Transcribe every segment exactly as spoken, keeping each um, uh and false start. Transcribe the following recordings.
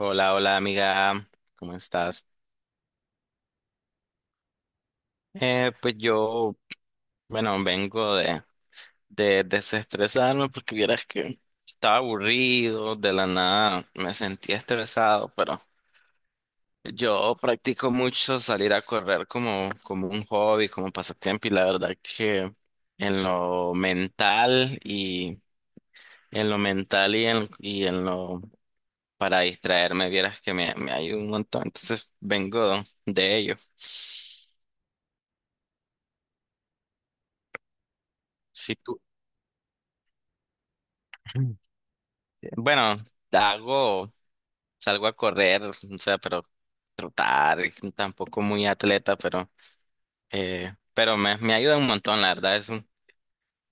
Hola, hola amiga, ¿cómo estás? Eh, pues yo, bueno, vengo de, de desestresarme porque vieras que estaba aburrido, de la nada me sentía estresado, pero yo practico mucho salir a correr como, como un hobby, como pasatiempo, y la verdad que en lo mental y en lo mental y en, y en lo para distraerme, vieras que me, me ayuda un montón, entonces vengo de ello. Si tú bueno, hago, salgo a correr, o sea, pero trotar, tampoco muy atleta, pero, eh, pero me, me ayuda un montón, la verdad, es un,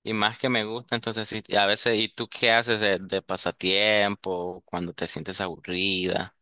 y más que me gusta, entonces sí, y a veces, ¿y tú qué haces de, de pasatiempo cuando te sientes aburrida?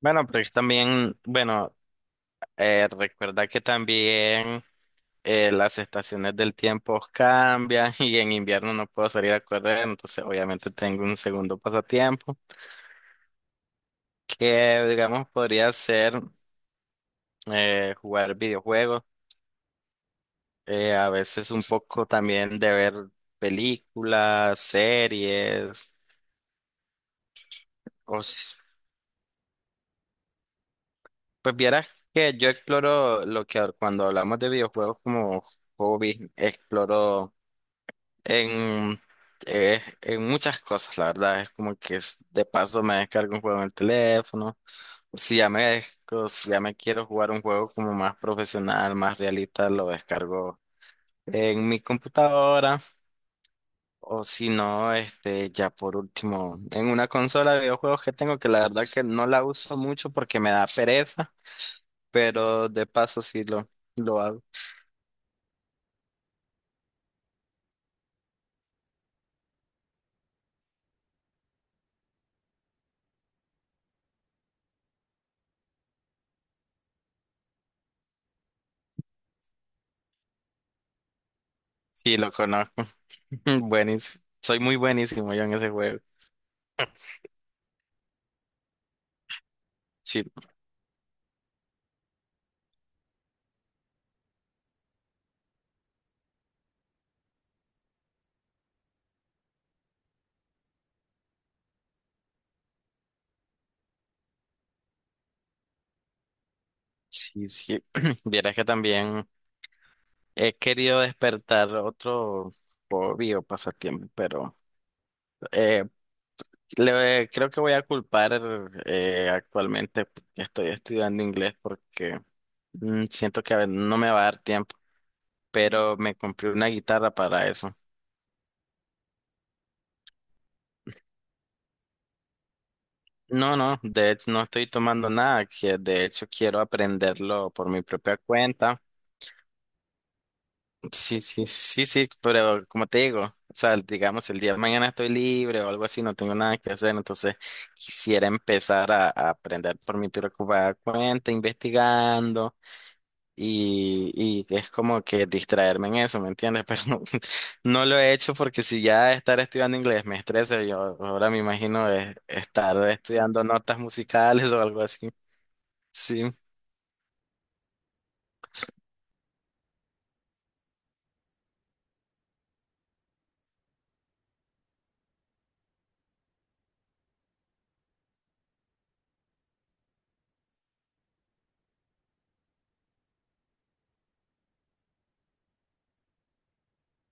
Bueno, pues también, bueno, eh, recuerda que también, eh, las estaciones del tiempo cambian y en invierno no puedo salir a correr, entonces obviamente tengo un segundo pasatiempo que digamos podría ser, eh, jugar videojuegos, eh, a veces un poco también de ver películas, series, o s- pues vieras que yo exploro lo que cuando hablamos de videojuegos como hobby, exploro En, eh, en muchas cosas, la verdad, es como que es- de paso me descargo un juego en el teléfono. Si ya me, desco- si ya me quiero jugar un juego como más profesional, más realista, lo descargo en mi computadora. O si no, este, ya por último, en una consola de videojuegos que tengo, que la verdad que no la uso mucho porque me da pereza, pero de paso sí lo, lo hago. Sí, lo conozco. Buenísimo. Soy muy buenísimo yo en ese juego. Sí. Sí, sí. Vieras que también he querido despertar otro hobby o pasatiempo, pero eh, le, creo que voy a culpar, eh, actualmente que estoy estudiando inglés porque mm, siento que a ver, no me va a dar tiempo, pero me compré una guitarra para eso. No, no, de hecho no estoy tomando nada, que de hecho quiero aprenderlo por mi propia cuenta. Sí, sí, sí, sí, pero como te digo, o sea, digamos, el día de mañana estoy libre o algo así, no tengo nada que hacer, entonces quisiera empezar a, a aprender por mi preocupada cuenta, investigando y, y que es como que distraerme en eso, ¿me entiendes? Pero no, no lo he hecho porque si ya estar estudiando inglés me estresa, yo ahora me imagino es- estar estudiando notas musicales o algo así. Sí,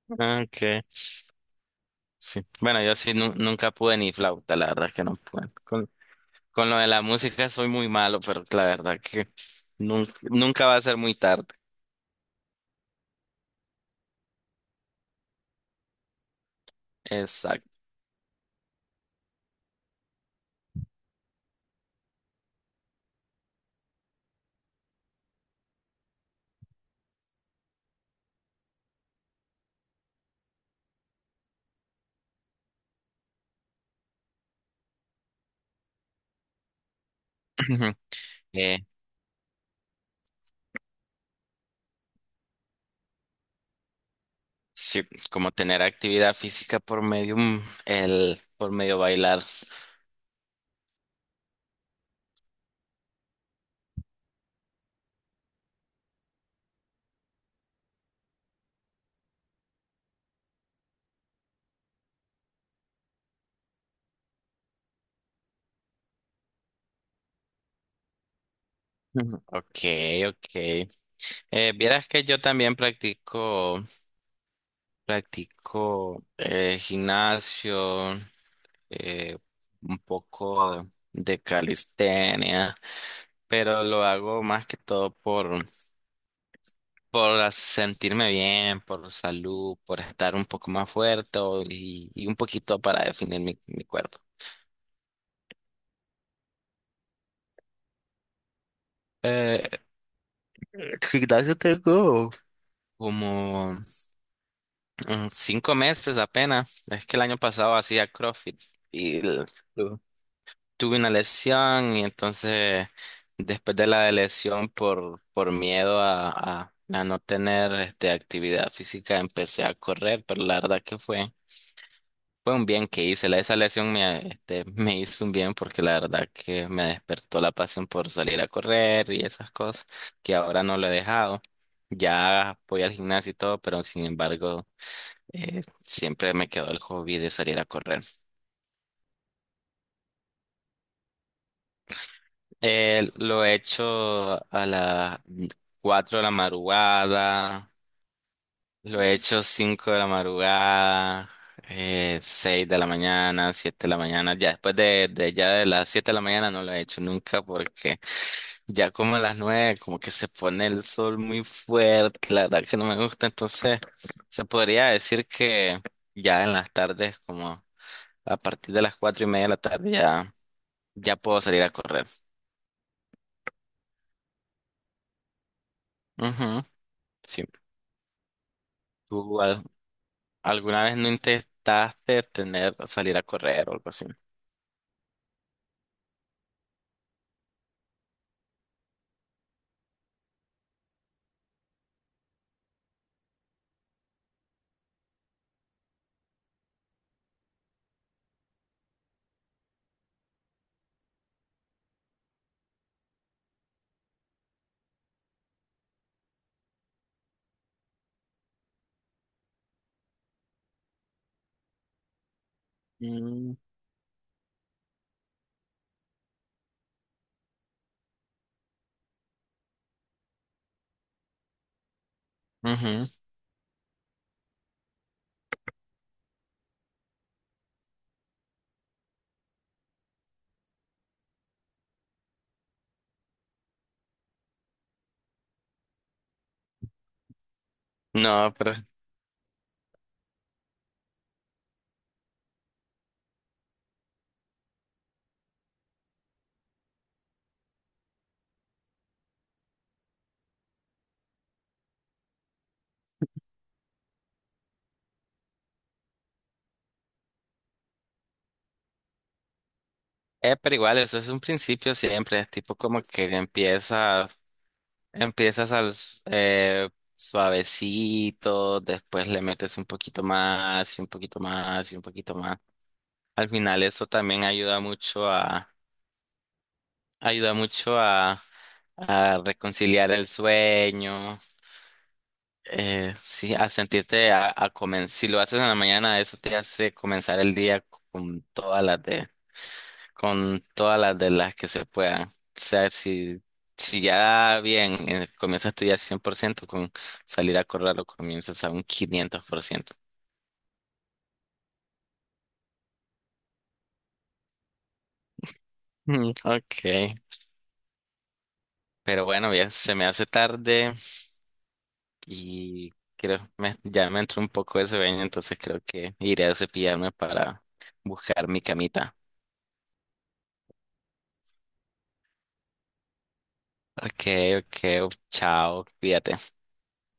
ok. Sí. Bueno, yo sí nu- nunca pude ni flauta, la verdad es que no pude. Con lo de la música soy muy malo, pero la verdad que nunca, nunca va a ser muy tarde. Exacto. Eh, sí, como tener actividad física por medio, mm, el, por medio bailar. Ujú. Ok, ok. Eh, vieras que yo también practico, practico eh, gimnasio, eh, un poco de calistenia, pero lo hago más que todo por por sentirme bien, por salud, por estar un poco más fuerte o- y, y un poquito para definir mi, mi cuerpo. Eh, Gimnasio tengo como mm, cinco meses apenas. Es que el año pasado hacía CrossFit y l- tuve una lesión, y entonces después de la lesión por, por miedo a, a, a no tener este, actividad física, empecé a correr, pero la verdad que fue fue un bien que hice. La- esa lesión me, este, me hizo un bien, porque la verdad que me despertó la pasión por salir a correr y esas cosas que ahora no lo he dejado. Ya voy al gimnasio y todo, pero sin embargo, eh, siempre me quedó el hobby de salir a correr. Eh, lo he hecho a las cuatro de la madrugada, lo he hecho cinco de la madrugada, eh, seis de la mañana, siete de la mañana. Ya después de, de ya de las siete de la mañana no lo he hecho nunca porque ya como a las nueve como que se pone el sol muy fuerte, la verdad que no me gusta. Entonces se podría decir que ya en las tardes, como a partir de las cuatro y media de la tarde ya, ya puedo salir a correr. Ujú, sí. ¿Tú al- alguna vez no intentaste tener, salir a correr o algo así? Mm. Ujú. No, pero, eh, pero igual, eso es un principio siempre, tipo como que empieza, empiezas al s- eh, suavecito, después le metes un poquito más y un poquito más y un poquito más. Al final eso también ayuda mucho a, ayuda mucho a, a reconciliar el sueño, eh, sí, a sentirte a, a comenzar, si lo haces en la mañana, eso te hace comenzar el día con todas las de con todas las de las que se puedan. O sea, si, si ya bien, eh, comienzas tú ya cien por ciento con salir a correr, o comienzas a un quinientos por ciento. Mm, ok. Pero bueno, ya se me hace tarde, y creo me, ya me entró un poco de sueño, entonces creo que iré a cepillarme para buscar mi camita. Ok, ok, chao, cuídate.